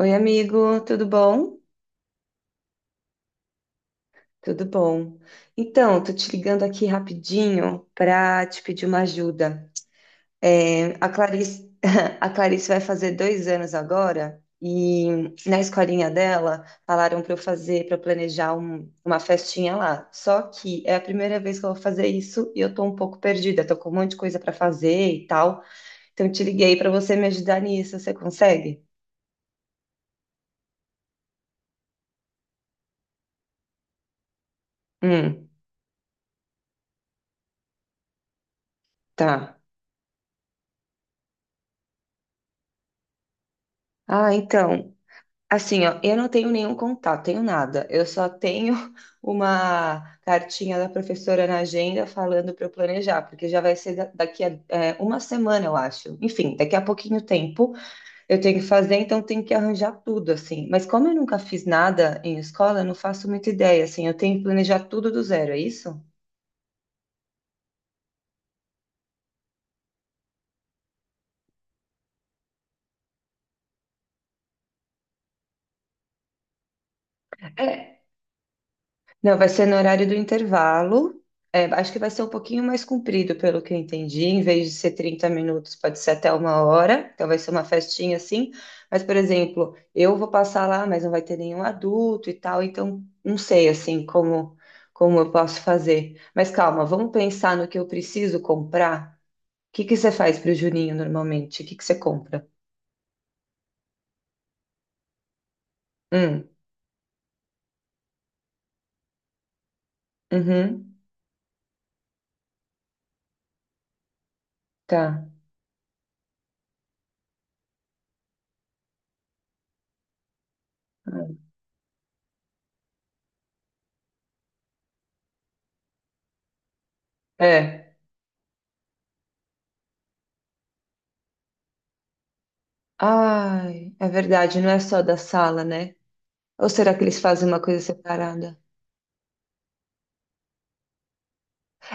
Oi, amigo, tudo bom? Tudo bom. Então, tô te ligando aqui rapidinho para te pedir uma ajuda. É, a Clarice, a Clarice vai fazer 2 anos agora e na escolinha dela falaram para eu fazer, para planejar uma festinha lá. Só que é a primeira vez que eu vou fazer isso e eu tô um pouco perdida, tô com um monte de coisa para fazer e tal. Então, eu te liguei para você me ajudar nisso. Você consegue? Hum, tá. Ah, então. Assim, ó, eu não tenho nenhum contato, tenho nada. Eu só tenho uma cartinha da professora na agenda falando para eu planejar, porque já vai ser daqui a uma semana, eu acho. Enfim, daqui a pouquinho tempo eu tenho que fazer, então tenho que arranjar tudo, assim. Mas como eu nunca fiz nada em escola, eu não faço muita ideia, assim. Eu tenho que planejar tudo do zero, é isso? Não, vai ser no horário do intervalo. É, acho que vai ser um pouquinho mais comprido, pelo que eu entendi. Em vez de ser 30 minutos, pode ser até uma hora. Então vai ser uma festinha assim. Mas, por exemplo, eu vou passar lá, mas não vai ter nenhum adulto e tal. Então, não sei assim como eu posso fazer. Mas calma, vamos pensar no que eu preciso comprar. O que que você faz para o Juninho normalmente? O que que você compra? Hum, uhum, tá. É. Ai, é verdade, não é só da sala, né? Ou será que eles fazem uma coisa separada?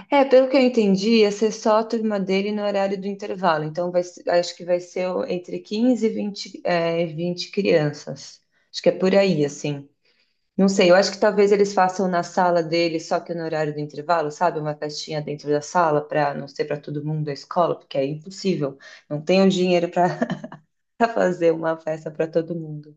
É, pelo que eu entendi, ia ser só a turma dele no horário do intervalo. Então, acho que vai ser entre 15 e 20 20 crianças. Acho que é por aí, assim. Não sei, eu acho que talvez eles façam na sala dele, só que no horário do intervalo, sabe? Uma festinha dentro da sala, para não ser para todo mundo da escola, porque é impossível. Não tenho dinheiro para fazer uma festa para todo mundo.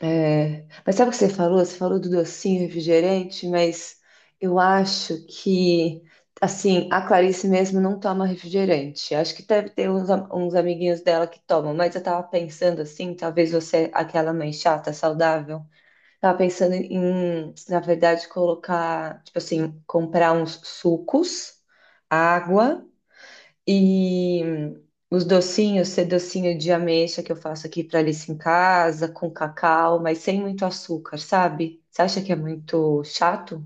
É, mas sabe o que você falou? Você falou do docinho refrigerante, mas eu acho que, assim, a Clarice mesmo não toma refrigerante. Acho que deve ter uns, uns amiguinhos dela que tomam, mas eu tava pensando, assim, talvez você, é aquela mãe chata, saudável, tava pensando em, na verdade, colocar, tipo assim, comprar uns sucos, água. E os docinhos, ser docinho de ameixa que eu faço aqui para Alice em casa, com cacau, mas sem muito açúcar, sabe? Você acha que é muito chato?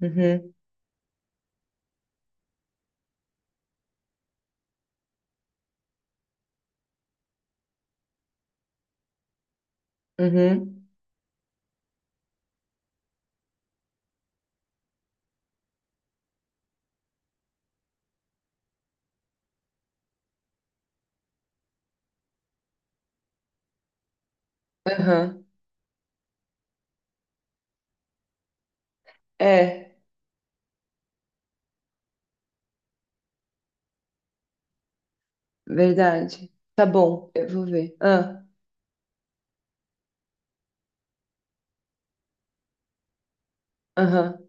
Uhum, uhum, aham. É, verdade. Tá bom, eu vou ver. Ah, aham,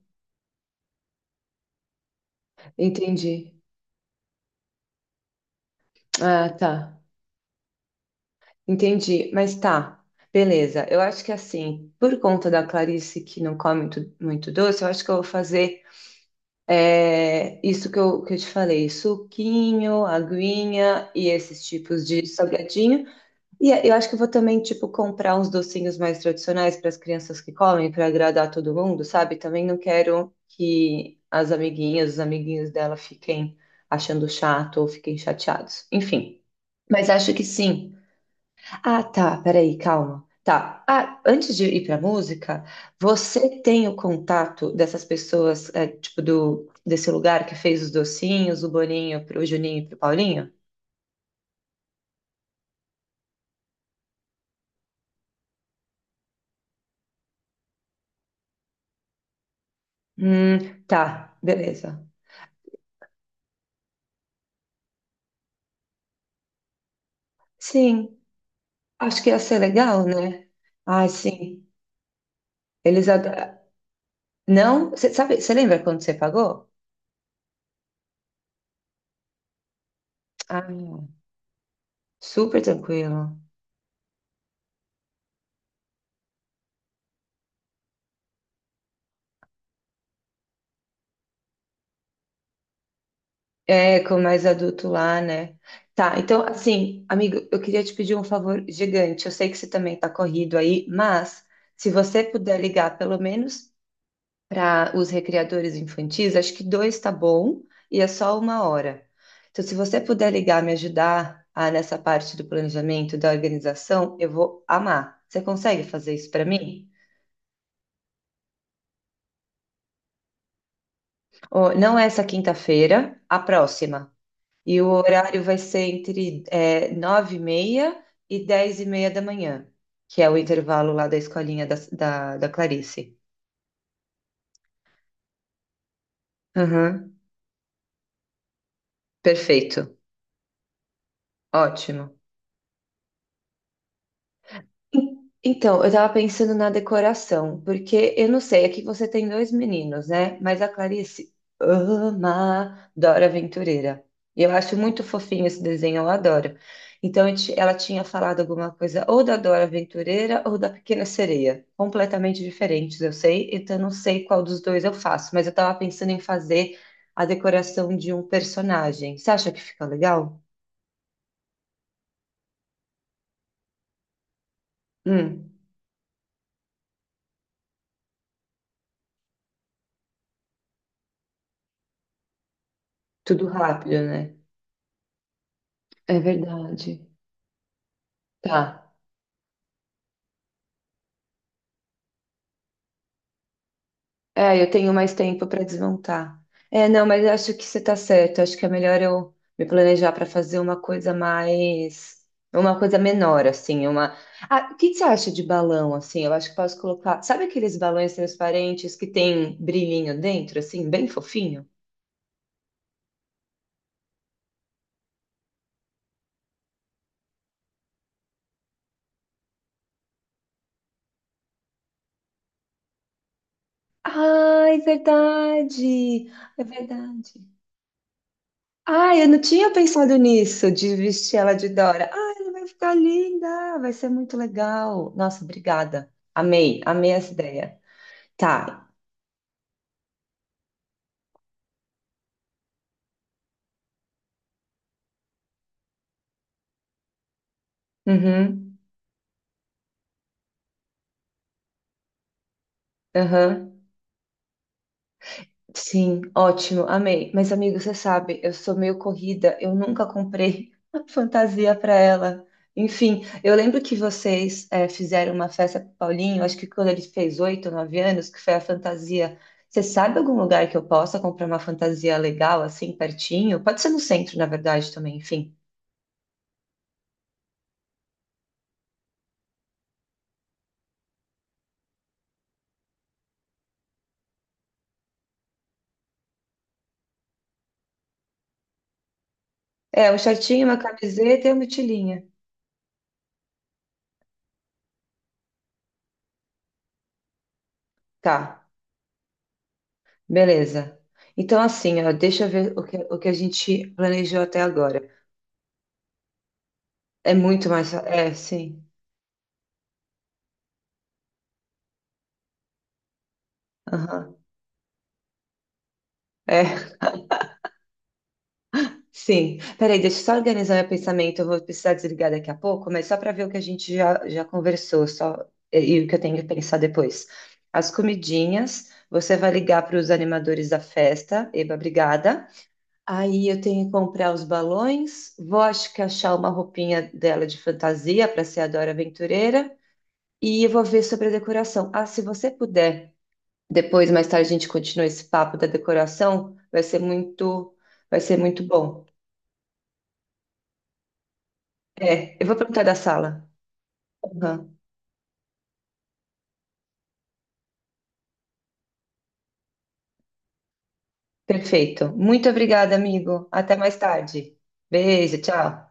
entendi. Ah, tá. Entendi, mas tá. Beleza, eu acho que assim, por conta da Clarice que não come muito, muito doce, eu acho que eu vou fazer. É, isso que eu te falei, suquinho, aguinha e esses tipos de salgadinho. E eu acho que eu vou também, tipo, comprar uns docinhos mais tradicionais para as crianças que comem, para agradar todo mundo, sabe? Também não quero que as amiguinhas, os amiguinhos dela fiquem achando chato ou fiquem chateados. Enfim, mas acho que sim. Ah, tá. Peraí, calma. Tá. Ah, antes de ir pra música, você tem o contato dessas pessoas, tipo, desse lugar que fez os docinhos, o Boninho pro Juninho e pro Paulinho? Hum, tá. Beleza. Sim. Acho que ia ser legal, né? Ah, sim. Eles adoram. Não? Você sabe, você lembra quando você pagou? Ah, super tranquilo. É, com mais adulto lá, né? Tá, então, assim, amigo, eu queria te pedir um favor gigante. Eu sei que você também tá corrido aí, mas se você puder ligar pelo menos para os recreadores infantis, acho que dois tá bom e é só uma hora. Então, se você puder ligar, me ajudar nessa parte do planejamento, da organização, eu vou amar. Você consegue fazer isso para mim? Ó, não é essa quinta-feira, a próxima. E o horário vai ser entre 9h30 e meia e 10h30 da manhã, que é o intervalo lá da escolinha da Clarice. Aham, Perfeito. Ótimo. Então, eu tava pensando na decoração, porque eu não sei, aqui você tem dois meninos, né? Mas a Clarice ama Dora Aventureira. E eu acho muito fofinho esse desenho, eu adoro. Então, eu ela tinha falado alguma coisa ou da Dora Aventureira ou da Pequena Sereia. Completamente diferentes, eu sei. Então, eu não sei qual dos dois eu faço, mas eu tava pensando em fazer a decoração de um personagem. Você acha que fica legal? Hum, tudo rápido, né? É verdade. Tá. É, eu tenho mais tempo para desmontar. É, não, mas eu acho que você está certo. Acho que é melhor eu me planejar para fazer uma coisa mais, uma coisa menor, assim, uma. Ah, o que que você acha de balão, assim? Eu acho que posso colocar. Sabe aqueles balões transparentes que tem brilhinho dentro, assim, bem fofinho? Ai, verdade! É verdade. Ah, eu não tinha pensado nisso, de vestir ela de Dora. Ah, ela vai ficar linda, vai ser muito legal. Nossa, obrigada. Amei, amei essa ideia. Tá. Uhum, uhum. Sim, ótimo, amei. Mas, amigo, você sabe, eu sou meio corrida, eu nunca comprei fantasia para ela. Enfim, eu lembro que vocês fizeram uma festa pro Paulinho, acho que quando ele fez 8 ou 9 anos, que foi a fantasia. Você sabe algum lugar que eu possa comprar uma fantasia legal, assim, pertinho? Pode ser no centro, na verdade, também, enfim. É, um shortinho, uma camiseta e uma mochilinha. Tá, beleza. Então, assim, ó, deixa eu ver o que a gente planejou até agora. É muito mais. É, sim. Aham. É, sim. Peraí, deixa eu só organizar meu pensamento. Eu vou precisar desligar daqui a pouco, mas só para ver o que a gente já conversou, só e o que eu tenho que pensar depois. As comidinhas, você vai ligar para os animadores da festa, Eba, obrigada. Aí eu tenho que comprar os balões, vou acho que achar uma roupinha dela de fantasia para ser a Dora Aventureira e eu vou ver sobre a decoração. Ah, se você puder, depois mais tarde a gente continua esse papo da decoração, vai ser muito bom. É, eu vou perguntar da sala. Uhum, Perfeito. Muito obrigada, amigo. Até mais tarde. Beijo, tchau.